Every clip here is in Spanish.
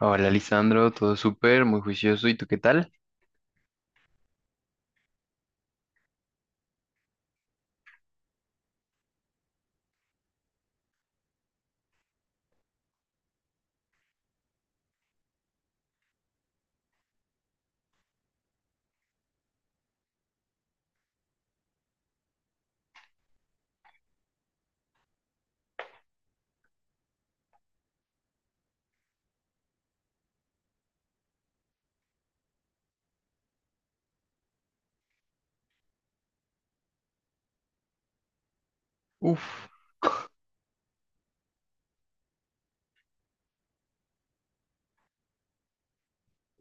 Hola, Lisandro, todo súper, muy juicioso. ¿Y tú qué tal? Uf,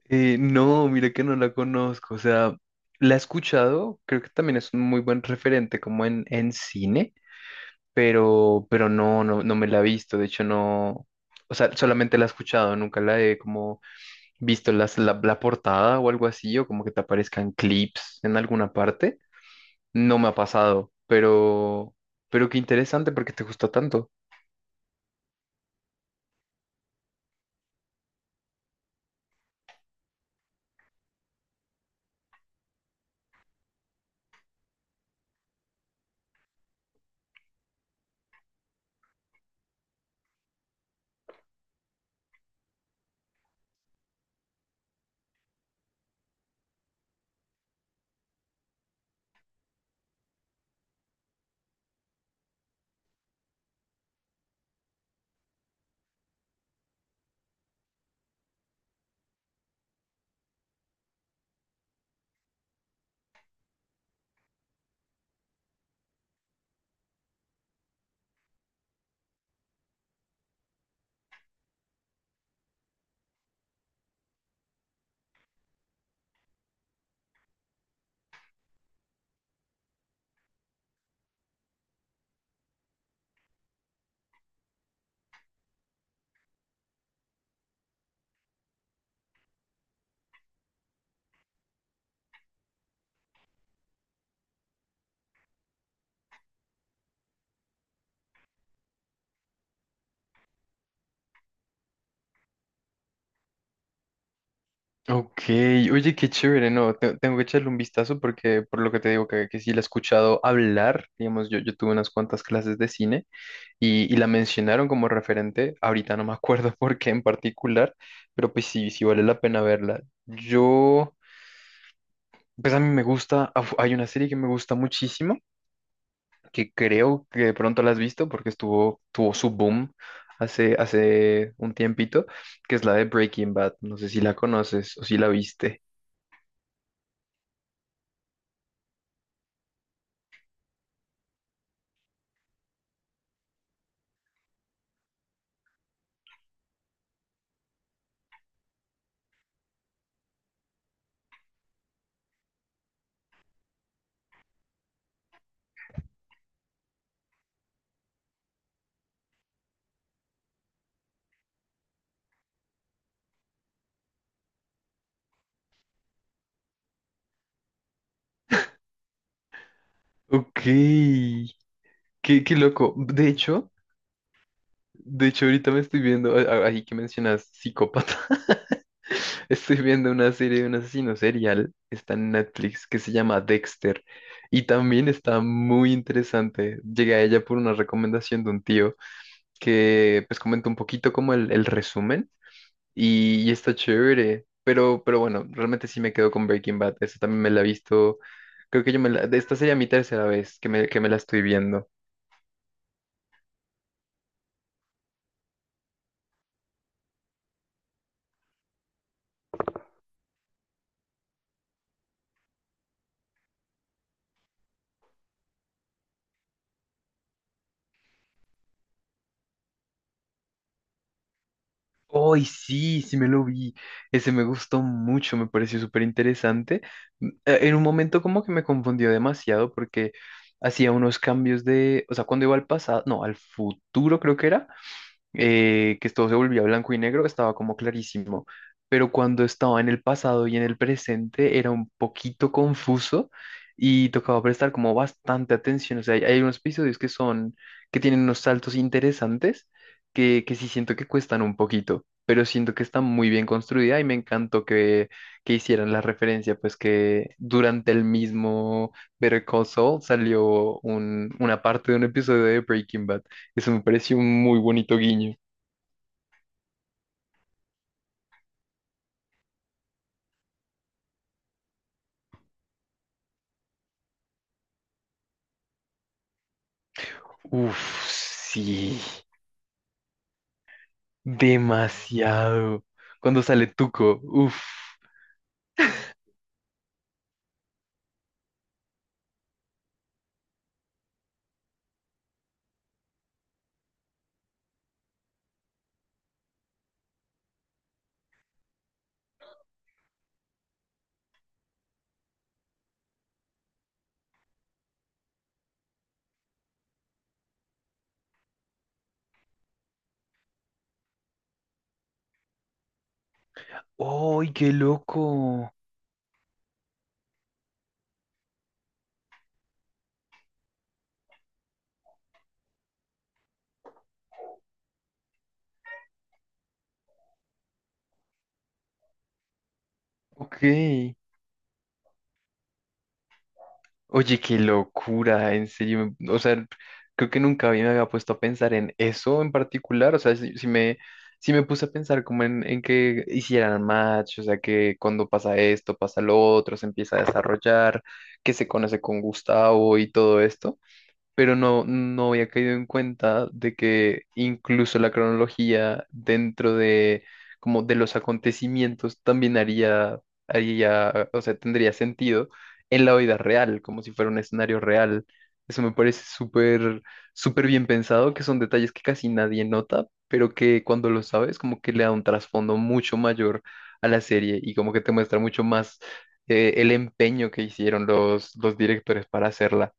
no, mira que no la conozco. O sea, la he escuchado, creo que también es un muy buen referente como en cine, pero, pero no me la he visto. De hecho, no, o sea, solamente la he escuchado, nunca la he como visto la portada o algo así, o como que te aparezcan clips en alguna parte. No me ha pasado, pero qué interesante porque te gusta tanto. Ok, oye, qué chévere, no, tengo que echarle un vistazo porque por lo que te digo que sí la he escuchado hablar, digamos, yo tuve unas cuantas clases de cine y la mencionaron como referente, ahorita no me acuerdo por qué en particular, pero pues sí, sí vale la pena verla. Yo, pues a mí me gusta, hay una serie que me gusta muchísimo, que creo que de pronto la has visto porque tuvo su boom hace un tiempito, que es la de Breaking Bad, no sé si la conoces o si la viste. Ok. Qué loco. De hecho, ahorita me estoy viendo, ahí que mencionas psicópata, estoy viendo una serie de un asesino serial, está en Netflix, que se llama Dexter, y también está muy interesante. Llegué a ella por una recomendación de un tío que pues comentó un poquito como el resumen, y está chévere. Pero bueno, realmente sí me quedo con Breaking Bad. Eso también me la he visto. Creo que yo me la. Esta sería mi tercera vez que me la estoy viendo. ¡Ay, sí! Sí me lo vi. Ese me gustó mucho, me pareció súper interesante. En un momento como que me confundió demasiado porque hacía unos cambios de, o sea, cuando iba al pasado, no, al futuro creo que era, que todo se volvía blanco y negro, estaba como clarísimo. Pero cuando estaba en el pasado y en el presente era un poquito confuso y tocaba prestar como bastante atención. O sea, hay unos episodios que son, que tienen unos saltos interesantes que sí siento que cuestan un poquito, pero siento que está muy bien construida y me encantó que hicieran la referencia, pues que durante el mismo Better Call Saul salió una parte de un episodio de Breaking Bad. Eso me pareció un muy bonito guiño. Uf, sí. Demasiado. Cuando sale Tuco. Uf. ¡Ay, qué loco! Ok. Oye, qué locura. En serio. O sea, creo que nunca me había puesto a pensar en eso en particular. O sea, si me puse a pensar como en que hicieran match. O sea, que cuando pasa esto, pasa lo otro, se empieza a desarrollar, que se conoce con Gustavo y todo esto. Pero no, no había caído en cuenta de que incluso la cronología dentro de como de los acontecimientos también haría, haría, o sea, tendría sentido en la vida real, como si fuera un escenario real. Eso me parece súper, súper bien pensado, que son detalles que casi nadie nota, pero que cuando lo sabes, como que le da un trasfondo mucho mayor a la serie y como que te muestra mucho más el empeño que hicieron los directores para hacerla.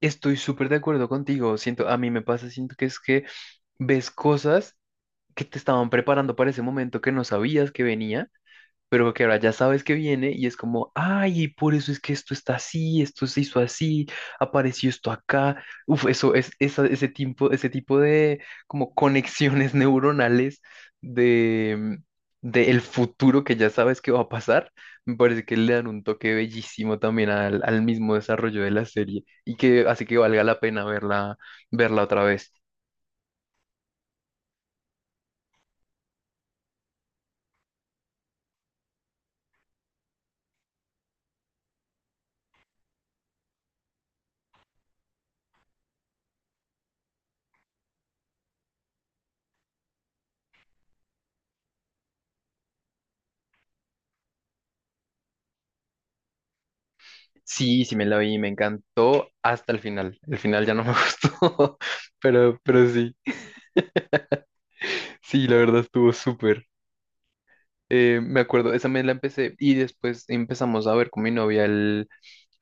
Estoy súper de acuerdo contigo. Siento, a mí me pasa, siento que es que ves cosas que te estaban preparando para ese momento que no sabías que venía pero que ahora ya sabes que viene y es como, ay, por eso es que esto está así, esto se hizo así, apareció esto acá. Uf, eso es ese tipo de como conexiones neuronales de, mm, de el futuro que ya sabes que va a pasar, me parece que le dan un toque bellísimo también al mismo desarrollo de la serie y que hace que valga la pena verla, verla otra vez. Sí, sí me la vi, me encantó hasta el final. El final ya no me gustó, pero sí. Sí, la verdad estuvo súper. Me acuerdo, esa me la empecé y después empezamos a ver con mi novia el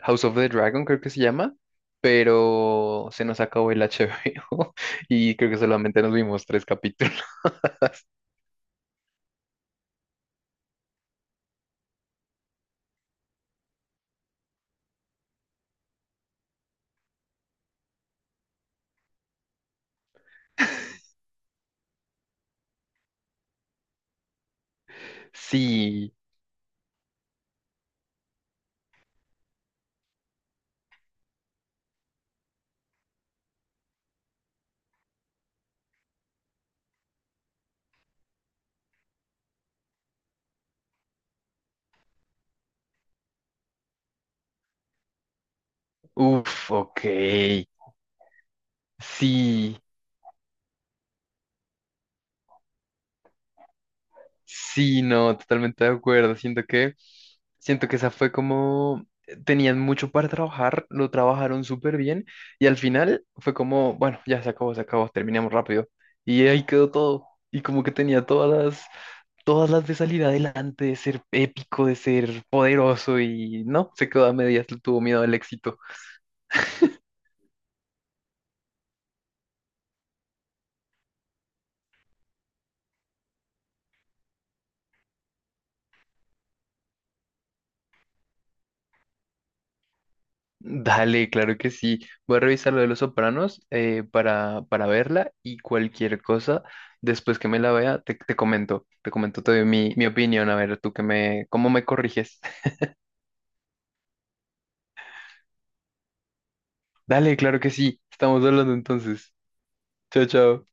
House of the Dragon, creo que se llama, pero se nos acabó el HBO y creo que solamente nos vimos tres capítulos. Sí, uff, ok, sí. Sí, no, totalmente de acuerdo. Siento que esa fue como, tenían mucho para trabajar, lo trabajaron súper bien y al final fue como, bueno, ya se acabó, terminamos rápido. Y ahí quedó todo. Y como que tenía las, todas las de salir adelante, de ser épico, de ser poderoso y no, se quedó a medias, le tuvo miedo al éxito. Dale, claro que sí. Voy a revisar lo de Los Sopranos, para verla y cualquier cosa, después que me la vea, te comento, te comento, te doy mi, mi opinión, a ver, tú que me, cómo me corriges. Dale, claro que sí. Estamos hablando entonces. Chao, chao.